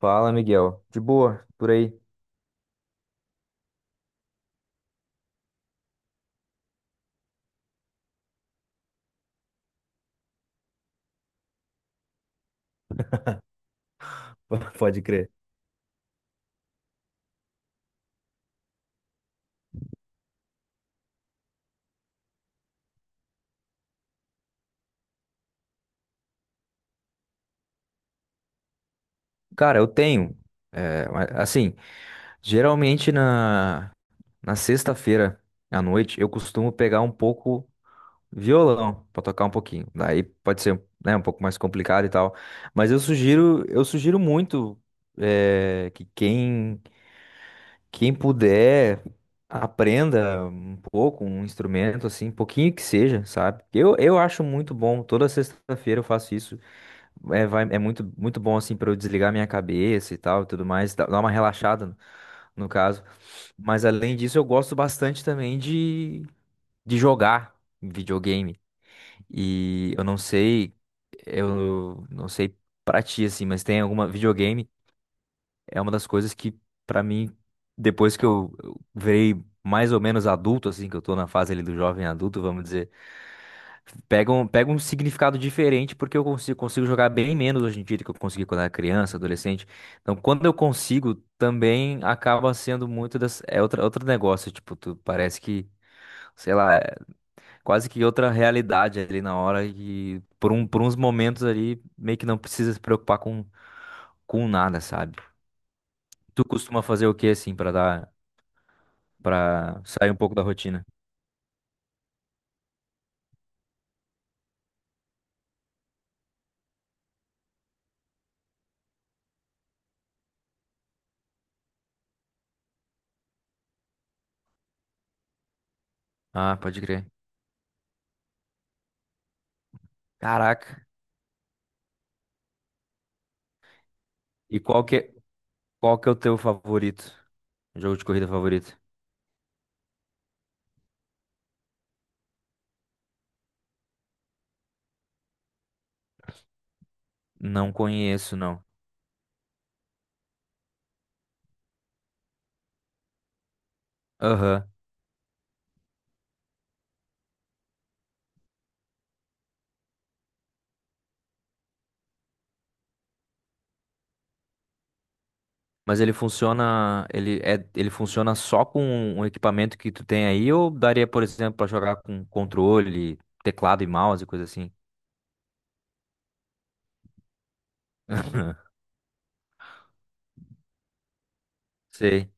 Fala, Miguel. De boa, por aí. Pode crer. Cara, eu tenho. Mas, assim, geralmente na sexta-feira à noite eu costumo pegar um pouco violão pra tocar um pouquinho. Daí pode ser, né, um pouco mais complicado e tal. Mas eu sugiro muito que quem puder aprenda um pouco um instrumento, assim, pouquinho que seja, sabe? Eu acho muito bom. Toda sexta-feira eu faço isso. É muito, muito bom, assim, pra eu desligar minha cabeça e tal, e tudo mais, dá dar uma relaxada, no caso. Mas, além disso, eu gosto bastante também de jogar videogame. E eu não sei pra ti, assim, mas tem alguma. Videogame é uma das coisas que, pra mim, depois que eu virei mais ou menos adulto, assim, que eu tô na fase ali do jovem adulto, vamos dizer, pega um significado diferente, porque consigo jogar bem menos hoje em dia do que eu consegui quando era criança, adolescente. Então, quando eu consigo, também acaba sendo muito outro negócio. Tipo, tu parece que, sei lá, é quase que outra realidade ali na hora. E por uns momentos ali, meio que não precisa se preocupar com nada, sabe? Tu costuma fazer o que assim para sair um pouco da rotina? Ah, pode crer. Caraca. E qual que é o teu favorito? Jogo de corrida favorito? Não conheço, não. Aham. Mas ele funciona, ele funciona só com o equipamento que tu tem aí ou daria, por exemplo, pra jogar com controle, teclado e mouse, coisa assim? Sei.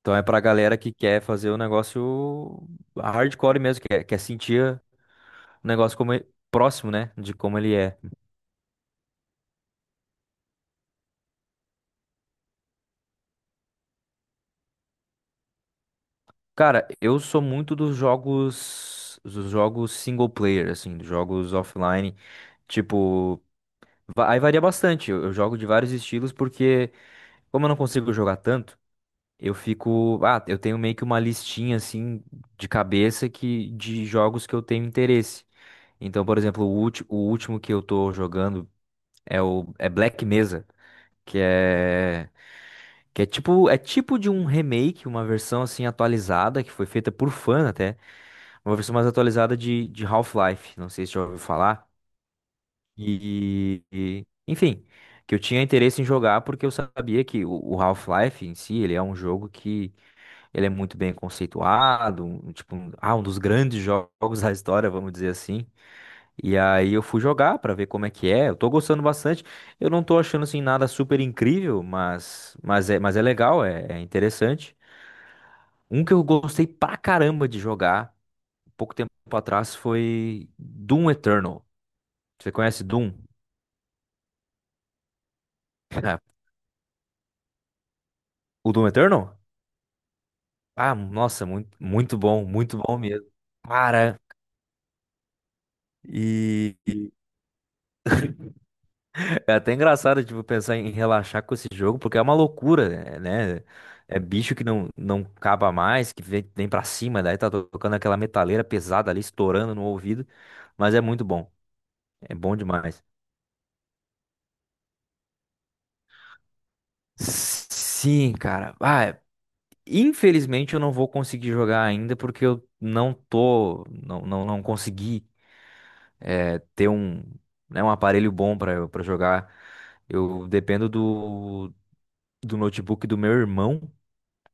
Então é pra galera que quer fazer o negócio hardcore mesmo, quer sentir o negócio próximo, né, de como ele é. Cara, eu sou muito dos dos jogos single player, assim, dos jogos offline, tipo, aí varia bastante. Eu jogo de vários estilos porque como eu não consigo jogar tanto, eu fico. Ah, eu tenho meio que uma listinha assim de cabeça que de jogos que eu tenho interesse. Então, por exemplo, o último que eu tô jogando é o é Black Mesa, que é que é tipo de um remake, uma versão assim atualizada que foi feita por fã até, uma versão mais atualizada de Half-Life. Não sei se já ouviu falar. Enfim, que eu tinha interesse em jogar porque eu sabia que o Half-Life em si, ele é um jogo que ele é muito bem conceituado, um dos grandes jogos da história, vamos dizer assim. E aí eu fui jogar pra ver como é que é. Eu tô gostando bastante. Eu não tô achando assim nada super incrível, mas é legal, é interessante. Um que eu gostei pra caramba de jogar pouco tempo atrás foi Doom Eternal. Você conhece Doom? O Doom Eternal? Ah, nossa, muito, muito bom mesmo. Cara, e, É até engraçado, tipo, pensar em relaxar com esse jogo, porque é uma loucura, é, né? É bicho que não caba mais, que vem pra cima, daí tá tocando aquela metaleira pesada ali, estourando no ouvido. Mas é muito bom, é bom demais. Sim, cara. Ah, infelizmente eu não vou conseguir jogar ainda, porque eu não não consegui ter um, né, um aparelho bom pra, pra jogar. Eu dependo do notebook do meu irmão.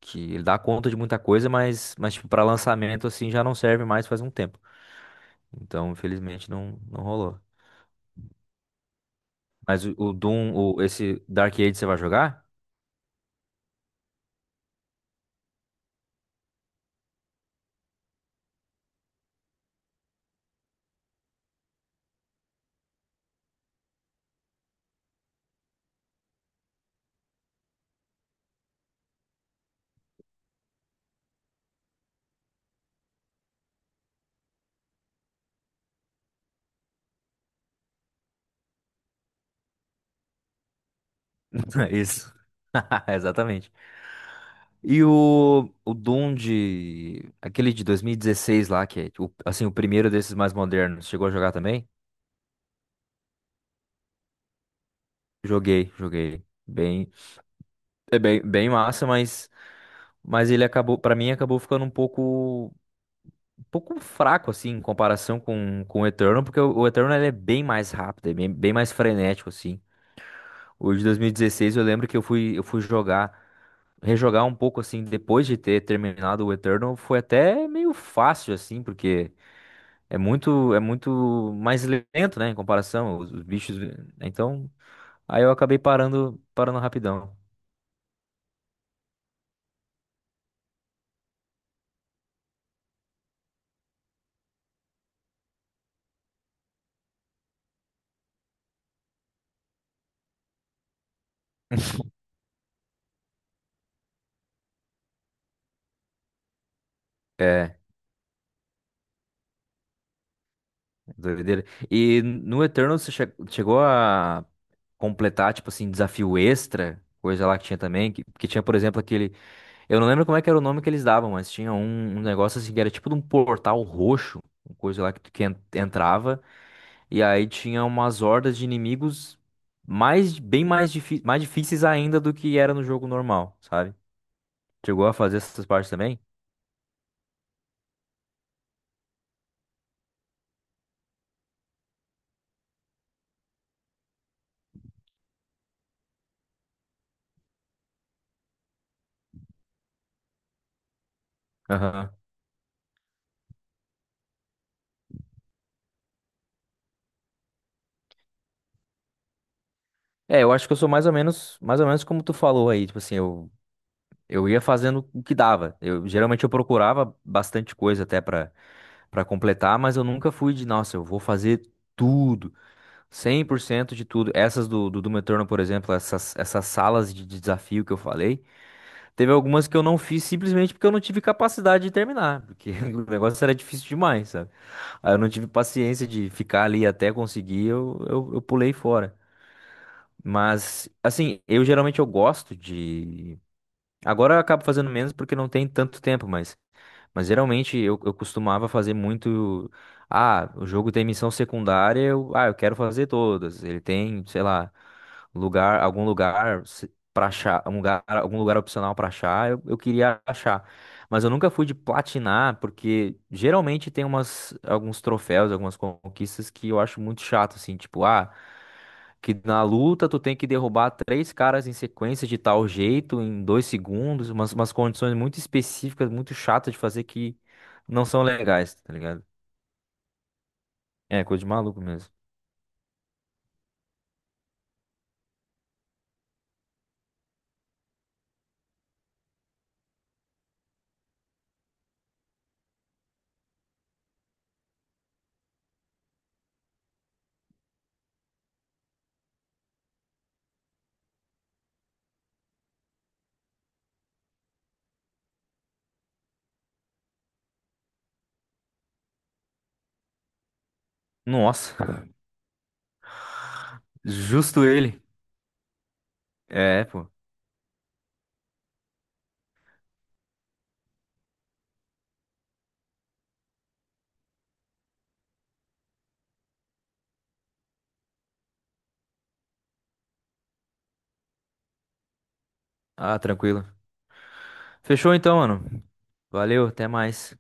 Que ele dá conta de muita coisa, mas tipo, para lançamento assim já não serve mais faz um tempo. Então, infelizmente, não, não rolou. Mas esse Dark Age você vai jogar? Isso. Exatamente. E o Doom de. Aquele de 2016 lá, que é assim, o primeiro desses mais modernos. Chegou a jogar também? Joguei, joguei. Bem, é bem massa, mas ele acabou, pra mim, acabou ficando um pouco. Pouco fraco, assim, em comparação com o Eternal, porque o Eternal ele é bem mais rápido, é bem mais frenético, assim. O de 2016 eu lembro que eu fui jogar, rejogar um pouco, assim, depois de ter terminado o Eternal, foi até meio fácil, assim, porque é muito mais lento, né, em comparação, os bichos. Né, então, aí eu acabei parando rapidão. É, doideira. E no Eternal você chegou a completar, tipo assim, desafio extra, coisa lá que tinha também, que tinha, por exemplo, aquele. Eu não lembro como é que era o nome que eles davam, mas tinha um negócio assim que era tipo de um portal roxo, uma coisa lá que tu que en- entrava, e aí tinha umas hordas de inimigos mais difíceis ainda do que era no jogo normal, sabe? Chegou a fazer essas partes também? Aham. É, eu acho que eu sou mais ou menos como tu falou aí, tipo assim, eu ia fazendo o que dava. Eu geralmente eu procurava bastante coisa até pra para completar, mas eu nunca fui de, nossa, eu vou fazer tudo, 100% de tudo. Essas do Metrono, por exemplo, essas salas de desafio que eu falei, teve algumas que eu não fiz simplesmente porque eu não tive capacidade de terminar, porque o negócio era difícil demais, sabe? Aí eu não tive paciência de ficar ali até conseguir, eu pulei fora. Mas, assim, eu geralmente eu gosto de. Agora eu acabo fazendo menos porque não tem tanto tempo, mas. Mas geralmente eu costumava fazer muito. Ah, o jogo tem missão secundária, eu quero fazer todas. Ele tem, sei lá, lugar, algum lugar se- pra achar, um lugar, algum lugar opcional pra achar, eu queria achar. Mas eu nunca fui de platinar, porque geralmente tem alguns troféus, algumas conquistas que eu acho muito chato, assim, tipo, ah. Que na luta tu tem que derrubar três caras em sequência de tal jeito, em 2 segundos, umas condições muito específicas, muito chatas de fazer que não são legais, tá ligado? É, coisa de maluco mesmo. Nossa, justo ele. É, pô. Ah, tranquilo. Fechou então, mano. Valeu, até mais.